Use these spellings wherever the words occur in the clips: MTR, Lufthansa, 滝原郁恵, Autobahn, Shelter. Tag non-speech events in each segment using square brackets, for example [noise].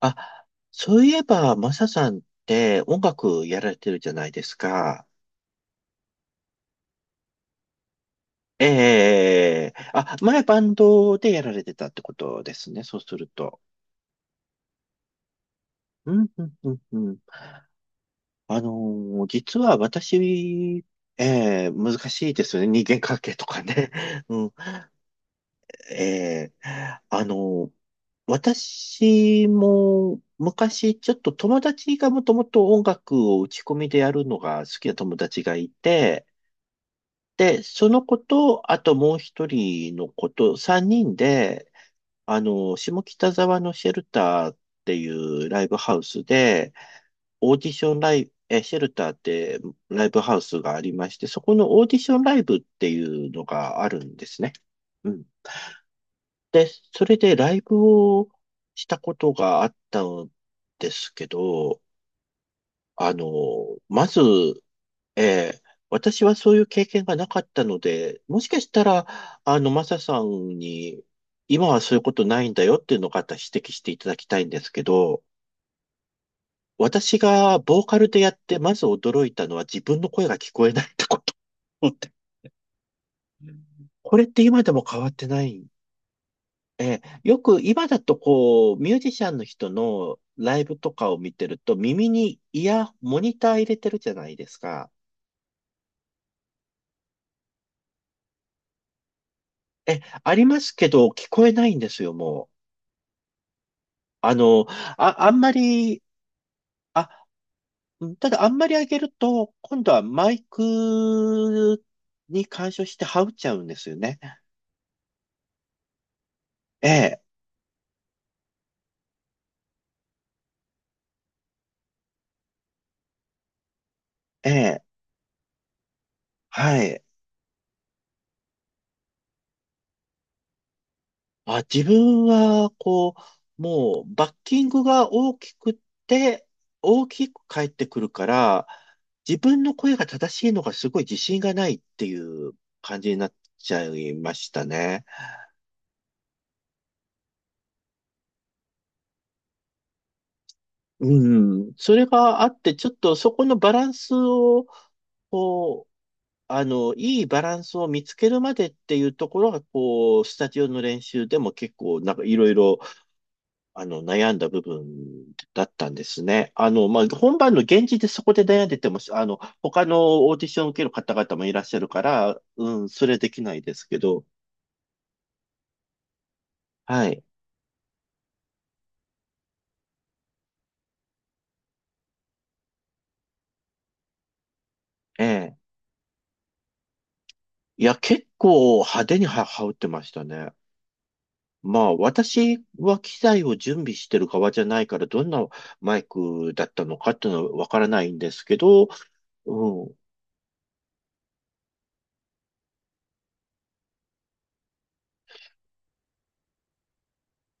あ、そういえば、マサさんって音楽やられてるじゃないですか。前バンドでやられてたってことですね。そうすると。うん、うん、うん、うん。実は私、ええ、難しいですよね。人間関係とかね。[laughs] うん。ええあのー私も昔ちょっと友達がもともと音楽を打ち込みでやるのが好きな友達がいて、で、その子と、あともう一人の子と、三人で、下北沢のシェルターっていうライブハウスで、オーディションライブ、シェルターってライブハウスがありまして、そこのオーディションライブっていうのがあるんですね。うん。で、それでライブをしたことがあったんですけど、あの、まず、ええ、私はそういう経験がなかったので、もしかしたら、マサさんに、今はそういうことないんだよっていうのを方指摘していただきたいんですけど、私がボーカルでやって、まず驚いたのは自分の声が聞こえないってこと。これって今でも変わってない。ええ、よく今だとこう、ミュージシャンの人のライブとかを見てると、耳にモニター入れてるじゃないですか。え、ありますけど、聞こえないんですよ、もう。あの、あ、あんまり、あ、ただあんまり上げると、今度はマイクに干渉してはっちゃうんですよね。ええ、ええ、はい。あ、自分は、バッキングが大きくって、大きく返ってくるから、自分の声が正しいのがすごい自信がないっていう感じになっちゃいましたね。うん。それがあって、ちょっとそこのバランスを、こあの、いいバランスを見つけるまでっていうところが、スタジオの練習でも結構、なんかいろいろ、悩んだ部分だったんですね。まあ、本番の現地でそこで悩んでても、他のオーディションを受ける方々もいらっしゃるから、うん、それできないですけど、はい、ええ。いや、結構派手には羽織ってましたね。まあ、私は機材を準備してる側じゃないから、どんなマイクだったのかっていうのはわからないんですけど、うん。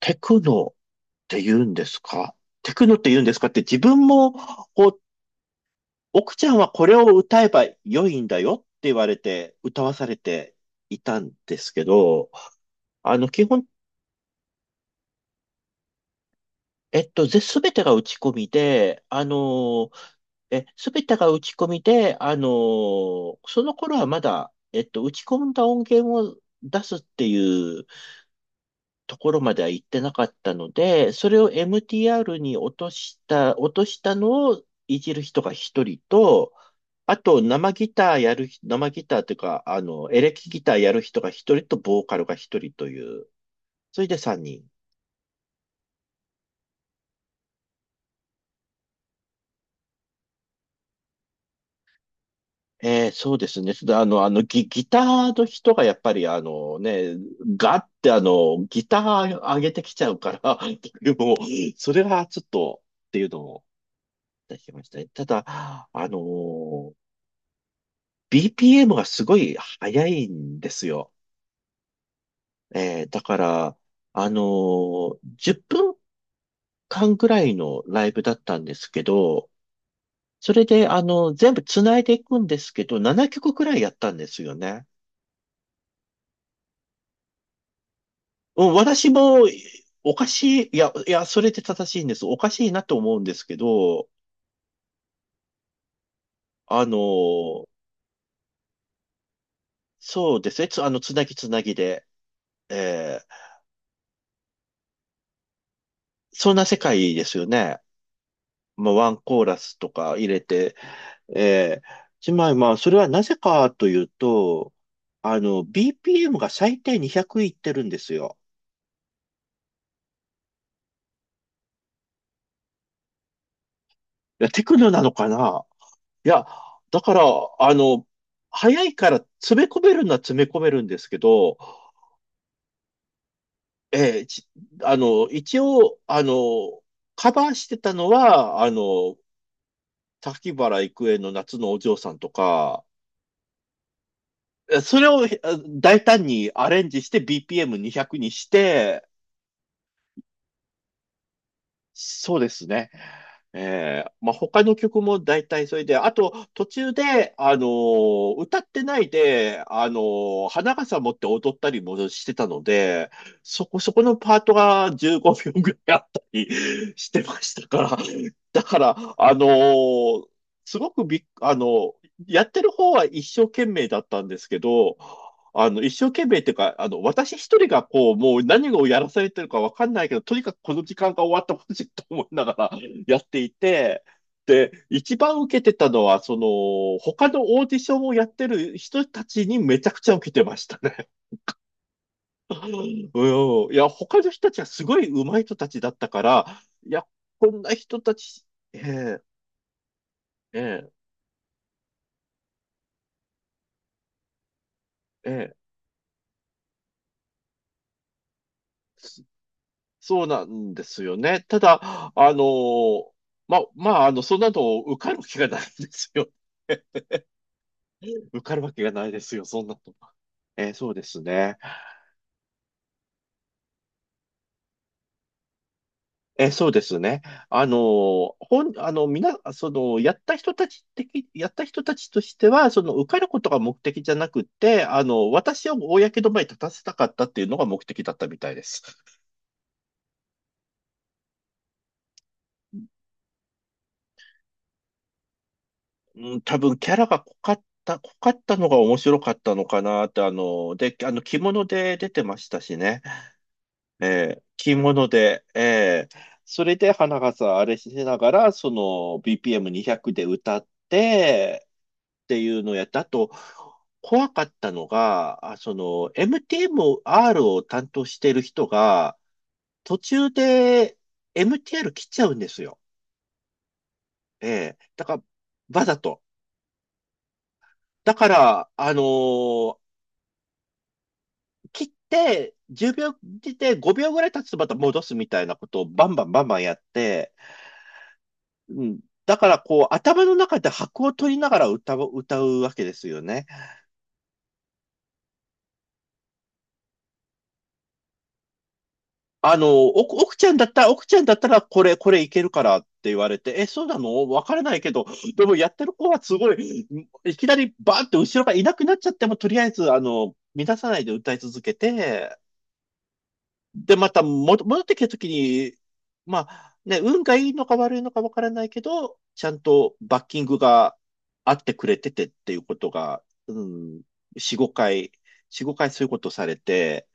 テクノって言うんですかテクノって言うんですかって自分も、こう、奥ちゃんはこれを歌えば良いんだよって言われて、歌わされていたんですけど、基本、すべてが打ち込みで、あの、え、すべてが打ち込みで、その頃はまだ、打ち込んだ音源を出すっていうところまでは行ってなかったので、それを MTR に落としたのをいじる人が一人と、あと生ギターというか、エレキギターやる人が一人と、ボーカルが一人という、それで三人。そうですね。それでギターの人がやっぱりガってギター上げてきちゃうから、[laughs] でも、それはちょっとっていうのも、出しきましたね。ただ、あのー BPM がすごい速いんですよ。だから、10分間ぐらいのライブだったんですけど、それで、全部繋いでいくんですけど、7曲くらいやったんですよね。うん、私も、おかしい、いや、いや、それで正しいんです。おかしいなと思うんですけど、あのーそうですね。つ、あの、つなぎつなぎで、えーそんな世界ですよね。まあ、ワンコーラスとか入れて、ええつまりまあ、それはなぜかというと、BPM が最低200いってるんですよ。いや、テクノなのかな、いや、だから、あの、早いから詰め込めるのは詰め込めるんですけど、ええち一応、カバーしてたのは、滝原郁恵の夏のお嬢さんとか、それを大胆にアレンジして BPM200 にひゃくにして、そうですね。まあ、他の曲も大体それで、あと途中で、歌ってないで、花笠持って踊ったりもしてたので、そこのパートが15秒ぐらいあったりしてましたから、[laughs] だから、あのーすごくびっ、あのやってる方は一生懸命だったんですけど、一生懸命っていうか、私一人が何をやらされてるかわかんないけど、とにかくこの時間が終わってほしいと思いながら [laughs] やっていて、で、一番受けてたのは、他のオーディションをやってる人たちにめちゃくちゃ受けてましたね。[laughs] うん。いや、他の人たちはすごい上手い人たちだったから、いや、こんな人たち、ええええええ、そうなんですよね。ただ、あの、まあ、そんなの受かる気がないんですよ。[laughs] 受かるわけがないですよ、そんなの。そうですね。そうですね。あの、本、あの、みな、その、やった人たちとしては、受かることが目的じゃなくて、私を公の場に立たせたかったっていうのが目的だったみたいです。うん、多分キャラが濃かったのが面白かったのかなって、で、着物で出てましたしね。着物で、それで花がさん、あれしながら、その BPM200 で歌って、っていうのをやった。あと、怖かったのが、MTMR を担当している人が、途中で MTR 切っちゃうんですよ。ええ。だから、わざと。だから、切って、10秒切って5秒ぐらい経つとまた戻すみたいなことをバンバンバンバンやって、うん、だからこう頭の中で拍を取りながら歌うわけですよね。奥ちゃんだったらこれいけるからって言われて、え、そうなのわからないけど、でもやってる子はすごい、いきなりバーンって後ろがいなくなっちゃっても、とりあえず、乱さないで歌い続けて、で、またも戻ってきたときに、まあ、ね、運がいいのか悪いのかわからないけど、ちゃんとバッキングがあってくれててっていうことが、うん、4、5回、4、5回そういうことされて、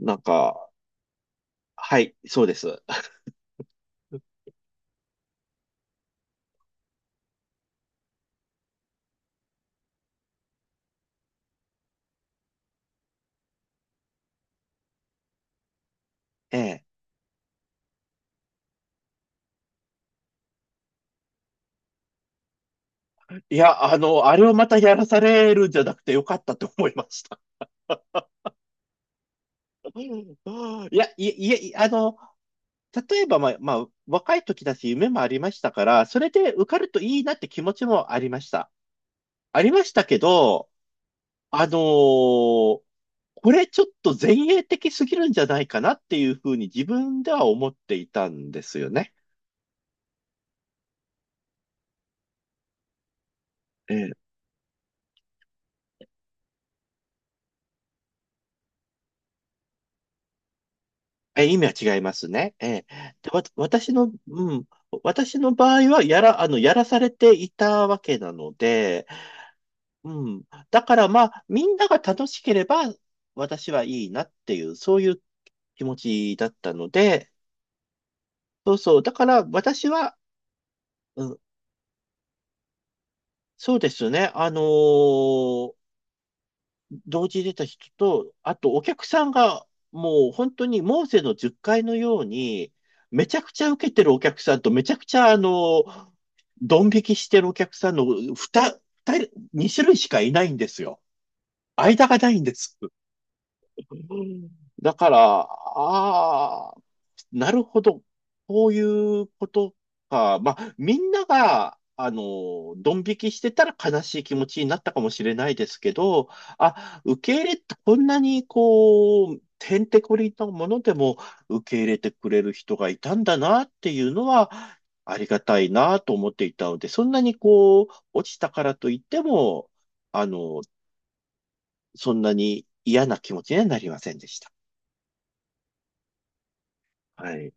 なんか、はい、そうです。ええ。いや、あれをまたやらされるんじゃなくてよかったと思いました。[laughs] いや、いや、いや、例えば、まあ、若い時だし夢もありましたから、それで受かるといいなって気持ちもありました。ありましたけど、あのーこれちょっと前衛的すぎるんじゃないかなっていうふうに自分では思っていたんですよね。ええ、意味は違いますね。ええ、で、わ、私の、うん、私の場合はやらされていたわけなので、うん、だからまあ、みんなが楽しければ私はいいなっていう、そういう気持ちだったので、そうそう、だから私は、うん、そうですね、同時に出た人と、あとお客さんがもう本当にモーセの10回のように、めちゃくちゃ受けてるお客さんと、めちゃくちゃドン引きしてるお客さんの2、二人、二種類しかいないんですよ。間がないんです。だから、ああ、なるほど。こういうことか。まあ、みんなが、ドン引きしてたら悲しい気持ちになったかもしれないですけど、あ、受け入れってこんなにてんてこりんなものでも受け入れてくれる人がいたんだなっていうのは、ありがたいなと思っていたので、そんなに落ちたからといっても、あの、そんなに嫌な気持ちにはなりませんでした。はい。